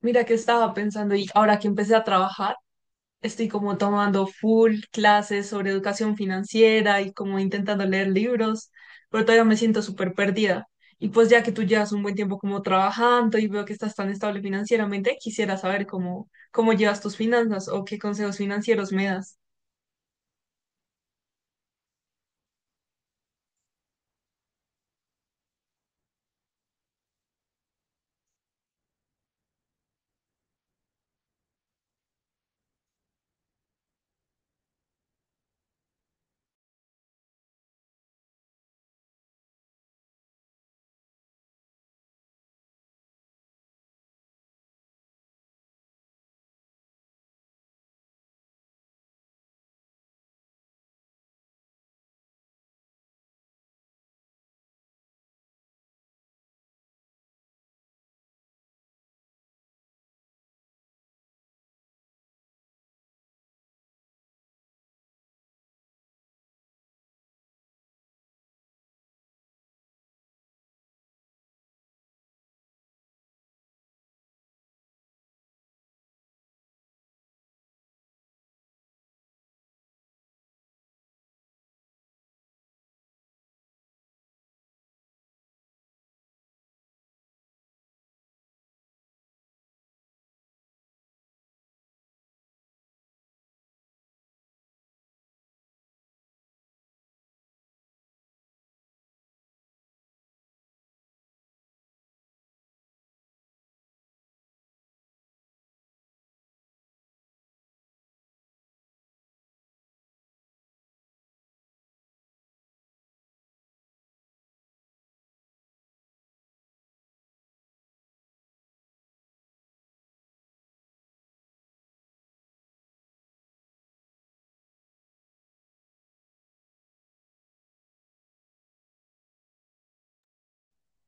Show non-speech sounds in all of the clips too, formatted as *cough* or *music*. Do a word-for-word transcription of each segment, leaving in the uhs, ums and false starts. Mira que estaba pensando y ahora que empecé a trabajar, estoy como tomando full clases sobre educación financiera y como intentando leer libros, pero todavía me siento súper perdida. Y pues ya que tú llevas un buen tiempo como trabajando y veo que estás tan estable financieramente, quisiera saber cómo, cómo llevas tus finanzas o qué consejos financieros me das.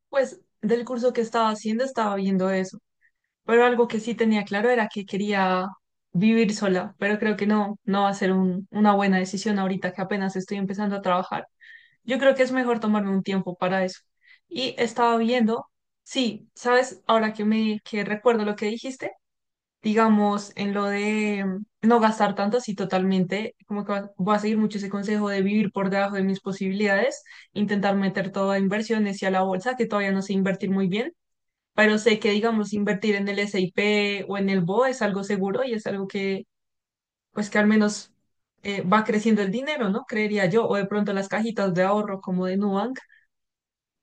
Pues del curso que estaba haciendo estaba viendo eso. Pero algo que sí tenía claro era que quería vivir sola, pero creo que no, no va a ser un- una buena decisión ahorita que apenas estoy empezando a trabajar. Yo creo que es mejor tomarme un tiempo para eso. Y estaba viendo, sí, sabes, ahora que me que recuerdo lo que dijiste, digamos en lo de mm, no gastar tanto, sí, totalmente, como que va- voy a seguir mucho ese consejo de vivir por debajo de mis posibilidades, intentar meter todo a inversiones y a la bolsa, que todavía no sé invertir muy bien pero sé que, digamos, invertir en el S I P o en el B O es algo seguro y es algo que, pues, que al menos eh, va creciendo el dinero, ¿no? Creería yo, o de pronto las cajitas de ahorro como de Nubank,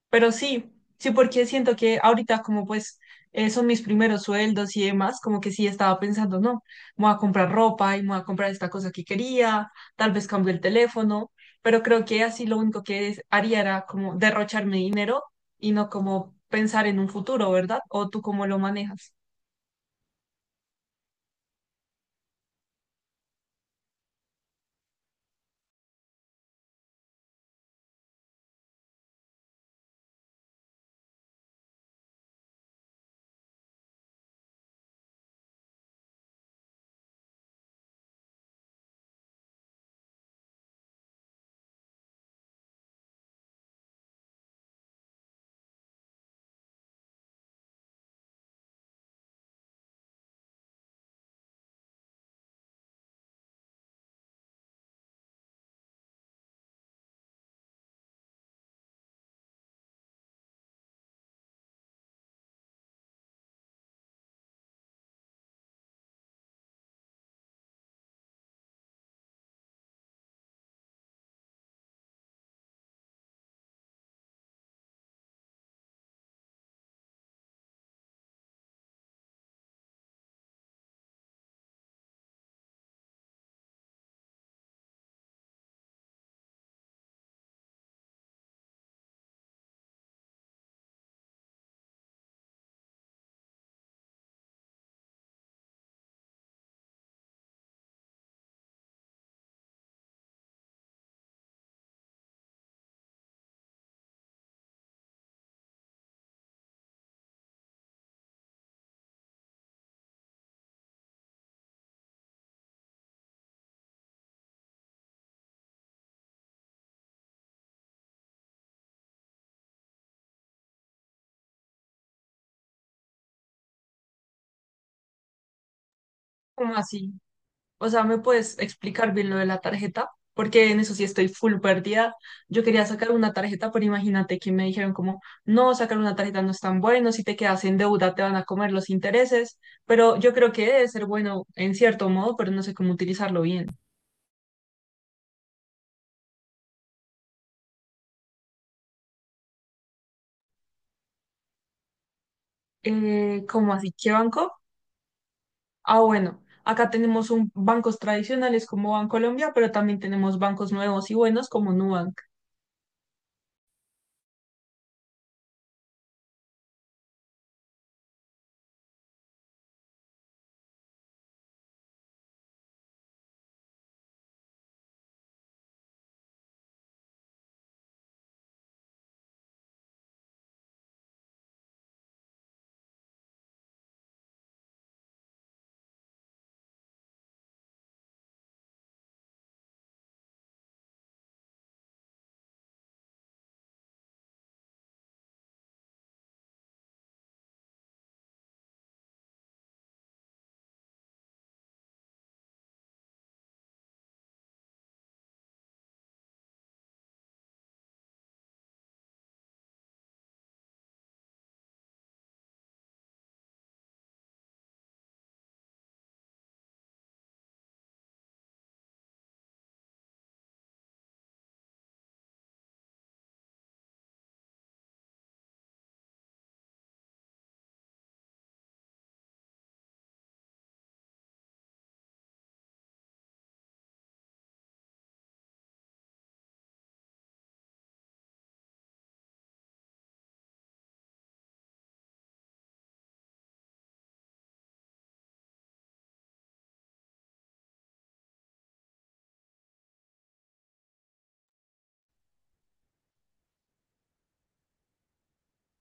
pero sí, sí, porque siento que ahorita como pues eh, son mis primeros sueldos y demás, como que sí estaba pensando, no, me voy a comprar ropa y me voy a comprar esta cosa que quería, tal vez cambio el teléfono, pero creo que así lo único que es- haría era como derrocharme dinero y no como pensar en un futuro, ¿verdad? ¿O tú cómo lo manejas? ¿Cómo así? O sea, ¿me puedes explicar bien lo de la tarjeta? Porque en eso sí estoy full perdida. Yo quería sacar una tarjeta, pero imagínate que me dijeron como, no, sacar una tarjeta no es tan bueno, si te quedas en deuda te van a comer los intereses, pero yo creo que debe ser bueno en cierto modo, pero no sé cómo utilizarlo bien. Eh, ¿cómo así? ¿Qué banco? Ah, bueno, acá tenemos un, bancos tradicionales como Bancolombia, pero también tenemos bancos nuevos y buenos como Nubank.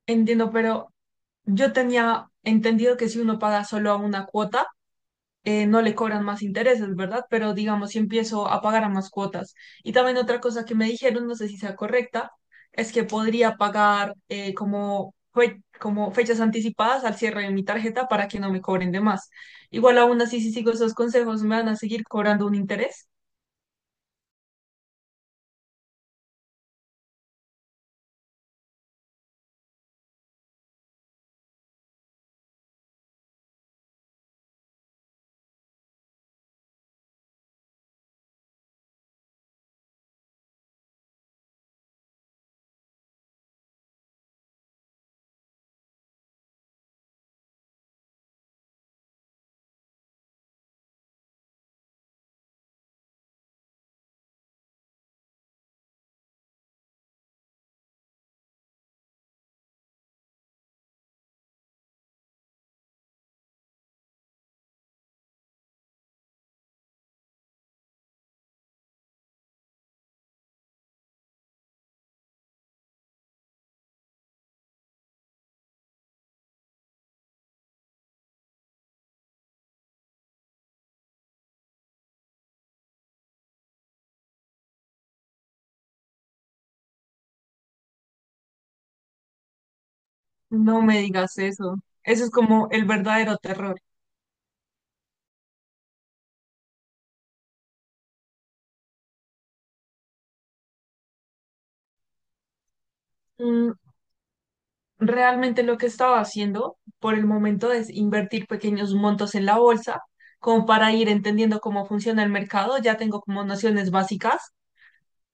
Entiendo, pero yo tenía entendido que si uno paga solo a una cuota, eh, no le cobran más intereses, ¿verdad? Pero digamos, si empiezo a pagar a más cuotas. Y también otra cosa que me dijeron, no sé si sea correcta, es que podría pagar eh, como, fe- como fechas anticipadas al cierre de mi tarjeta para que no me cobren de más. Igual aún así, si sigo esos consejos, ¿me van a seguir cobrando un interés? No me digas eso. Eso es como el verdadero terror. Mm, realmente lo que estaba haciendo por el momento es invertir pequeños montos en la bolsa, como para ir entendiendo cómo funciona el mercado. Ya tengo como nociones básicas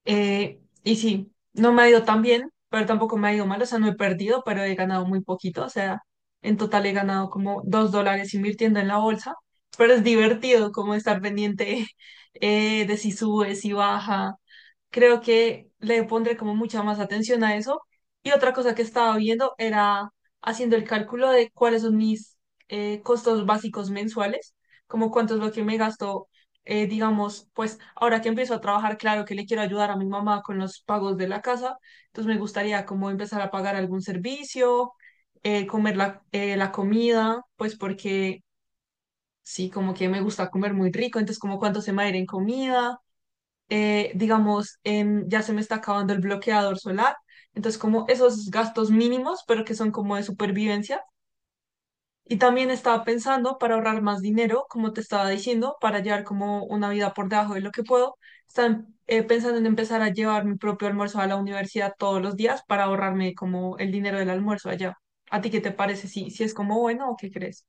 eh, y sí, no me ha ido tan bien, pero tampoco me ha ido mal, o sea, no he perdido, pero he ganado muy poquito, o sea, en total he ganado como dos dólares invirtiendo en la bolsa, pero es divertido como estar pendiente *laughs* eh, de si sube, si baja. Creo que le pondré como mucha más atención a eso. Y otra cosa que estaba viendo era haciendo el cálculo de cuáles son mis eh, costos básicos mensuales, como cuánto es lo que me gasto eh, digamos, pues ahora que empiezo a trabajar, claro que le quiero ayudar a mi mamá con los pagos de la casa, entonces me gustaría como empezar a pagar algún servicio, eh, comer la, eh, la comida, pues porque sí, como que me gusta comer muy rico, entonces como cuánto se me va a ir en comida, eh, digamos, em, ya se me está acabando el bloqueador solar, entonces como esos gastos mínimos, pero que son como de supervivencia y también estaba pensando para ahorrar más dinero, como te estaba diciendo, para llevar como una vida por debajo de lo que puedo. Están eh, pensando en empezar a llevar mi propio almuerzo a la universidad todos los días para ahorrarme como el dinero del almuerzo allá. ¿A ti qué te parece? ¿Si, si es como bueno o qué crees?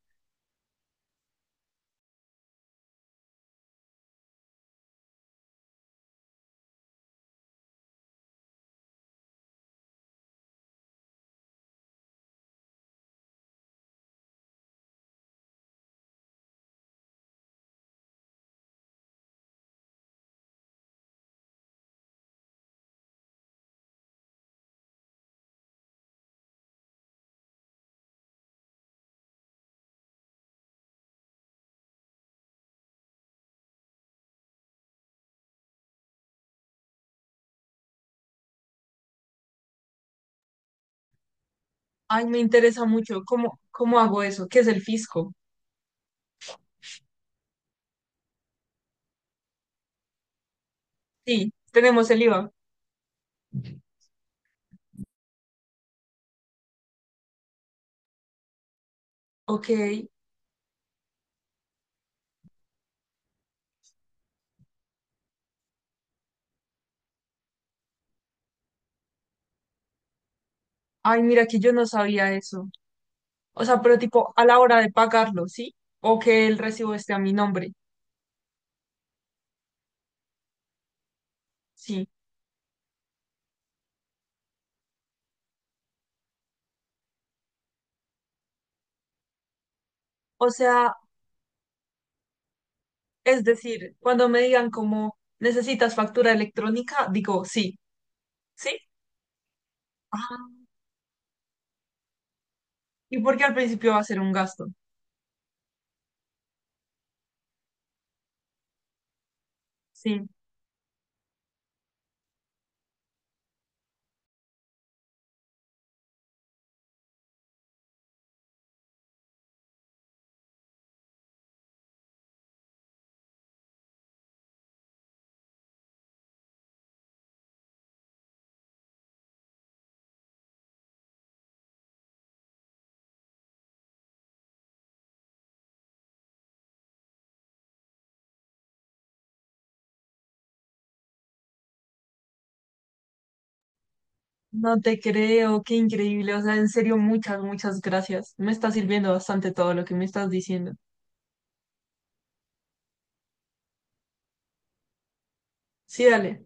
Ay, me interesa mucho. ¿Cómo, cómo hago eso? ¿Qué es el fisco? Sí, tenemos el IVA. Ok. Ay, mira que yo no sabía eso. O sea, pero tipo a la hora de pagarlo, ¿sí? O que el recibo esté a mi nombre. Sí. O sea, es decir, cuando me digan como, ¿necesitas factura electrónica? Digo, sí, ¿sí? Ah, ¿y porque al principio va a ser un gasto? Sí. No te creo, qué increíble. O sea, en serio, muchas, muchas gracias. Me está sirviendo bastante todo lo que me estás diciendo. Sí, dale.